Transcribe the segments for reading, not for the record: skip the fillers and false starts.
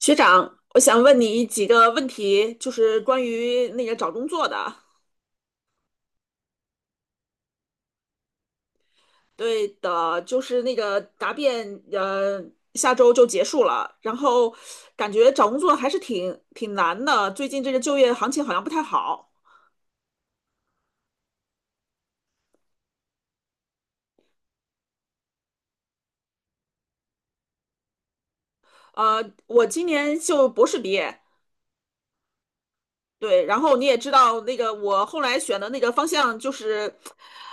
学长，我想问你几个问题，就是关于那个找工作的。对的，就是那个答辩，下周就结束了。然后感觉找工作还是挺难的，最近这个就业行情好像不太好。我今年就博士毕业，对，然后你也知道，那个我后来选的那个方向就是，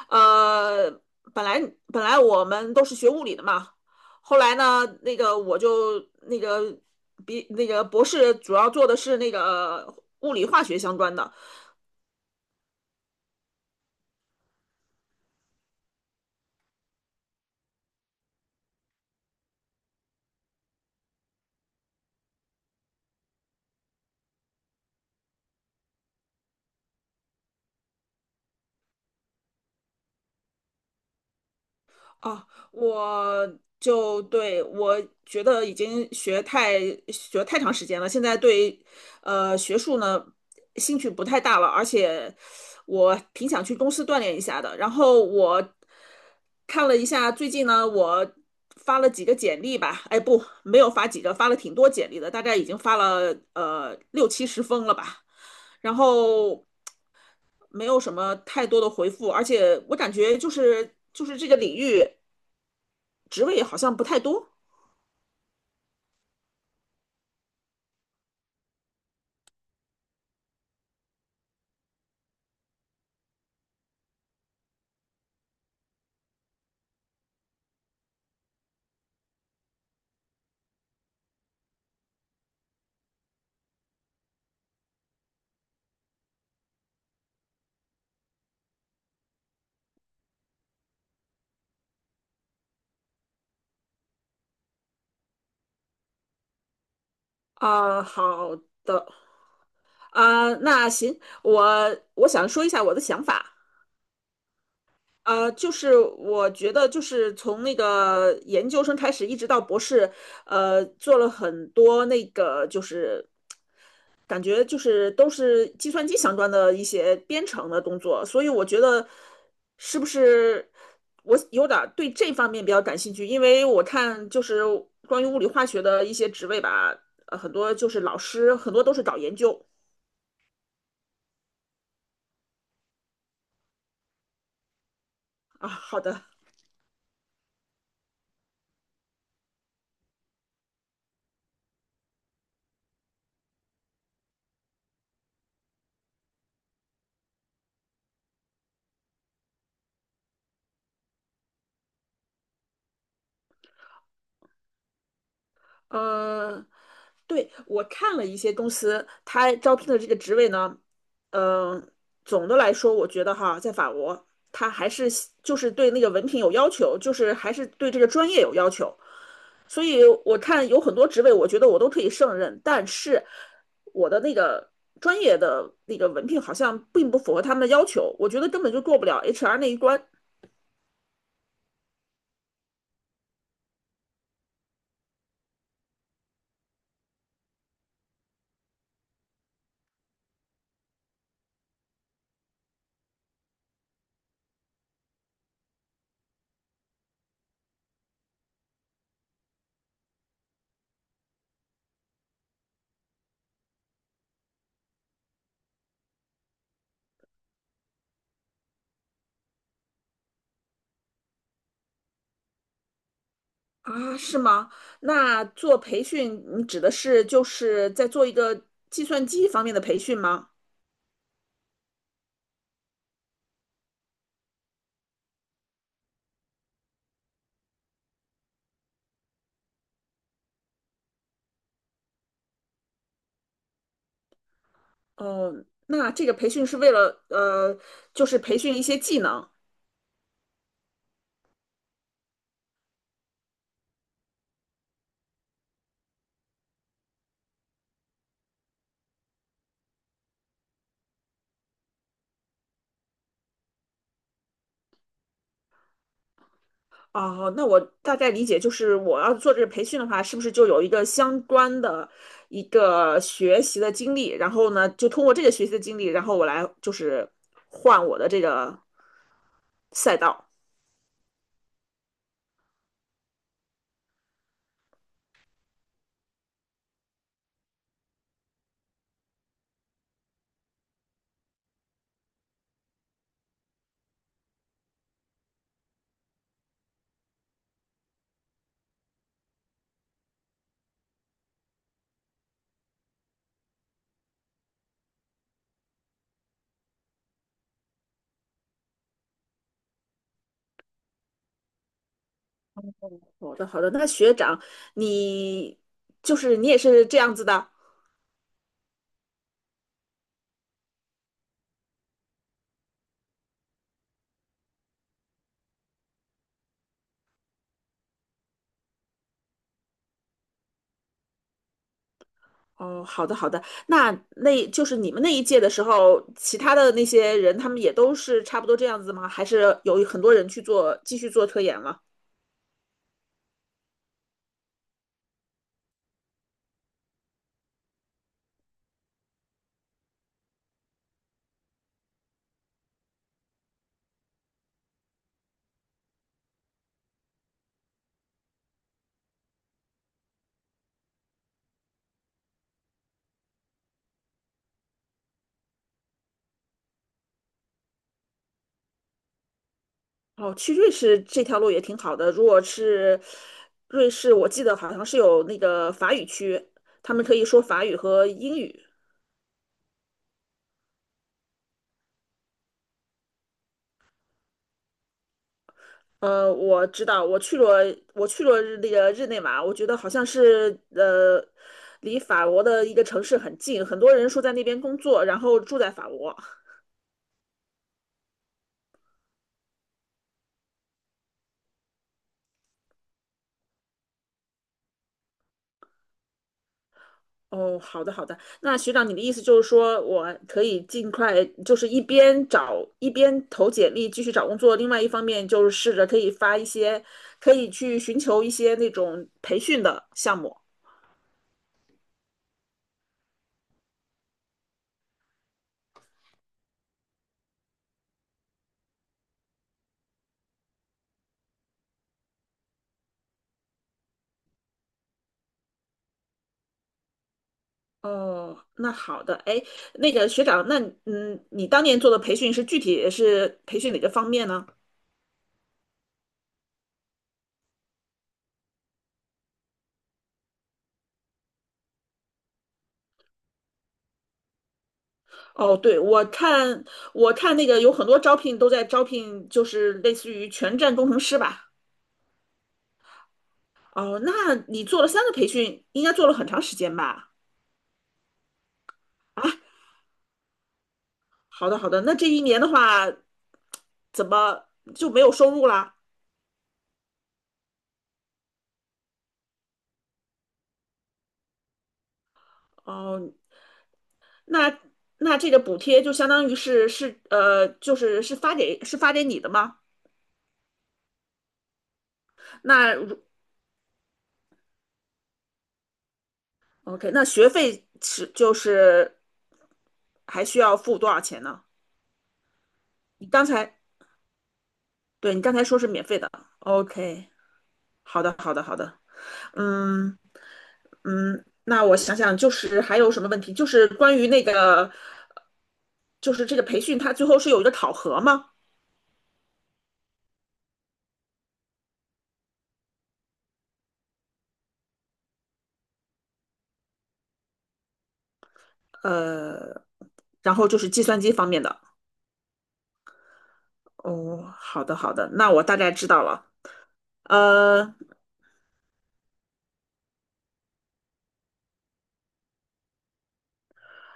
呃，本来本来我们都是学物理的嘛，后来呢，那个我就那个比那个博士主要做的是那个物理化学相关的。哦，我就对我觉得已经学太长时间了，现在对学术呢兴趣不太大了，而且我挺想去公司锻炼一下的。然后我看了一下，最近呢我发了几个简历吧，哎不，没有发几个，发了挺多简历的，大概已经发了六七十封了吧。然后没有什么太多的回复，而且我感觉就是这个领域职位好像不太多。好的。那行，我想说一下我的想法。就是我觉得，就是从那个研究生开始，一直到博士，做了很多那个就是感觉就是都是计算机相关的一些编程的工作，所以我觉得是不是我有点儿对这方面比较感兴趣，因为我看就是关于物理化学的一些职位吧，很多就是老师，很多都是搞研究。啊，好的。嗯。对，我看了一些公司，他招聘的这个职位呢，嗯、总的来说，我觉得哈，在法国，他还是就是对那个文凭有要求，就是还是对这个专业有要求。所以我看有很多职位，我觉得我都可以胜任，但是我的那个专业的那个文凭好像并不符合他们的要求，我觉得根本就过不了 HR 那一关。啊，是吗？那做培训，你指的是就是在做一个计算机方面的培训吗？呃，那这个培训是为了就是培训一些技能。啊，那我大概理解，就是我要做这个培训的话，是不是就有一个相关的一个学习的经历？然后呢，就通过这个学习的经历，然后我来就是换我的这个赛道。好的，好的。那学长，你就是你也是这样子的。哦，好的好的。那那就是你们那一届的时候，其他的那些人，他们也都是差不多这样子吗？还是有很多人去做，继续做科研了？哦，去瑞士这条路也挺好的。如果是瑞士，我记得好像是有那个法语区，他们可以说法语和英语。我知道，我去了日那个日内瓦，我觉得好像是离法国的一个城市很近，很多人说在那边工作，然后住在法国。哦，好的好的。那学长，你的意思就是说，我可以尽快，就是一边找一边投简历继续找工作，另外一方面就是试着可以发一些，可以去寻求一些那种培训的项目。哦，那好的。哎，那个学长，那你当年做的培训是具体是培训哪个方面呢？哦，对，我看那个有很多招聘都在招聘，就是类似于全站工程师吧。哦，那你做了三个培训，应该做了很长时间吧？好的，好的。那这一年的话，怎么就没有收入啦？哦，那那这个补贴就相当于就是是发给你的吗？那如 OK，那学费是就是还需要付多少钱呢？你刚才对你刚才说是免费的，OK，好的，好的，好的，嗯。嗯，那我想想，就是还有什么问题？就是关于那个，就是这个培训，它最后是有一个考核吗？呃，然后就是计算机方面的。哦，好的好的，那我大概知道了。呃，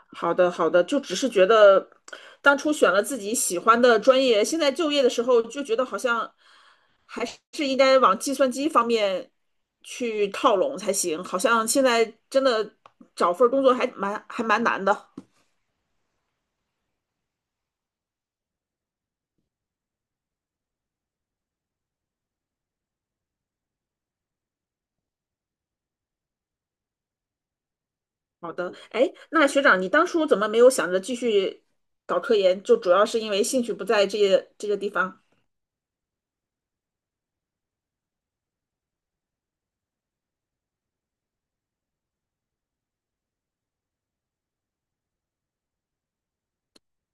好的好的，就只是觉得当初选了自己喜欢的专业，现在就业的时候就觉得好像还是应该往计算机方面去靠拢才行，好像现在真的找份儿工作还蛮难的。好的，哎，那学长，你当初怎么没有想着继续搞科研？就主要是因为兴趣不在这些这个地方。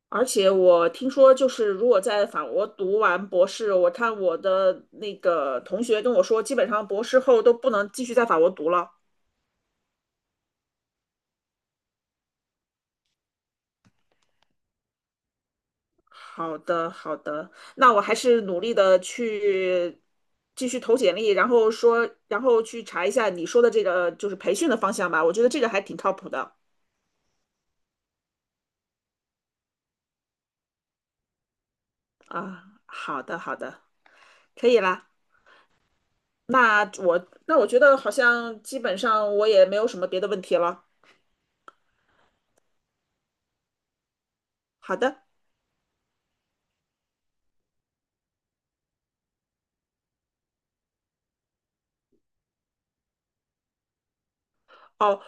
而且我听说，就是如果在法国读完博士，我看我的那个同学跟我说，基本上博士后都不能继续在法国读了。好的，好的，那我还是努力的去继续投简历，然后说，然后去查一下你说的这个就是培训的方向吧，我觉得这个还挺靠谱的。啊，好的，好的，可以啦。那我那我觉得好像基本上我也没有什么别的问题了。好的。哦，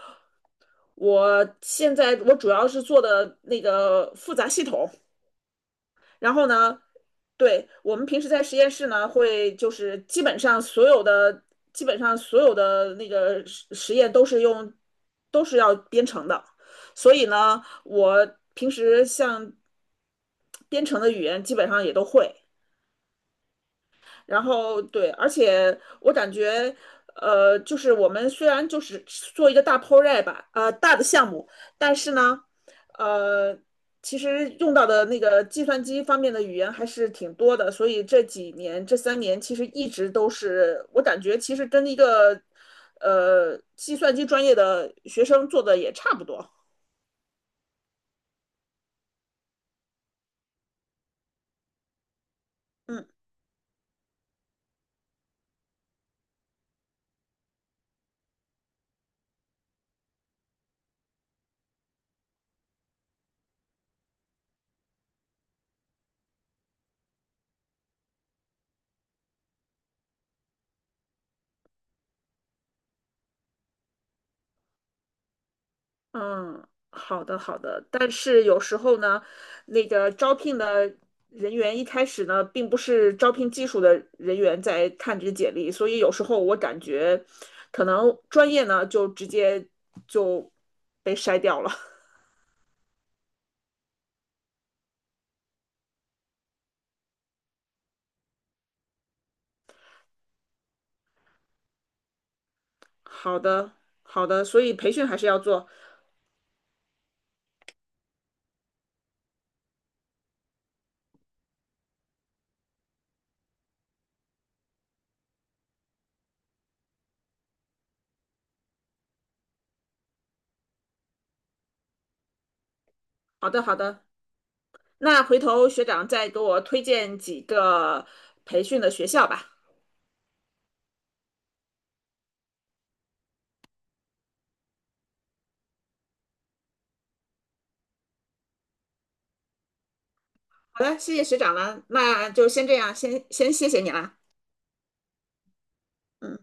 我现在我主要是做的那个复杂系统，然后呢，对，我们平时在实验室呢，会就是基本上所有的那个实实验都是要编程的，所以呢，我平时像编程的语言基本上也都会，然后对，而且我感觉，就是我们虽然就是做一个大 project 吧，大的项目，但是呢，呃，其实用到的那个计算机方面的语言还是挺多的，所以这几年这三年其实一直都是我感觉其实跟一个计算机专业的学生做的也差不多。嗯。嗯，好的好的，但是有时候呢，那个招聘的人员一开始呢，并不是招聘技术的人员在看这个简历，所以有时候我感觉，可能专业呢就直接就被筛掉了。好的好的，所以培训还是要做。好的好的，那回头学长再给我推荐几个培训的学校吧。好的，谢谢学长了，那就先这样，先谢谢你啦。嗯。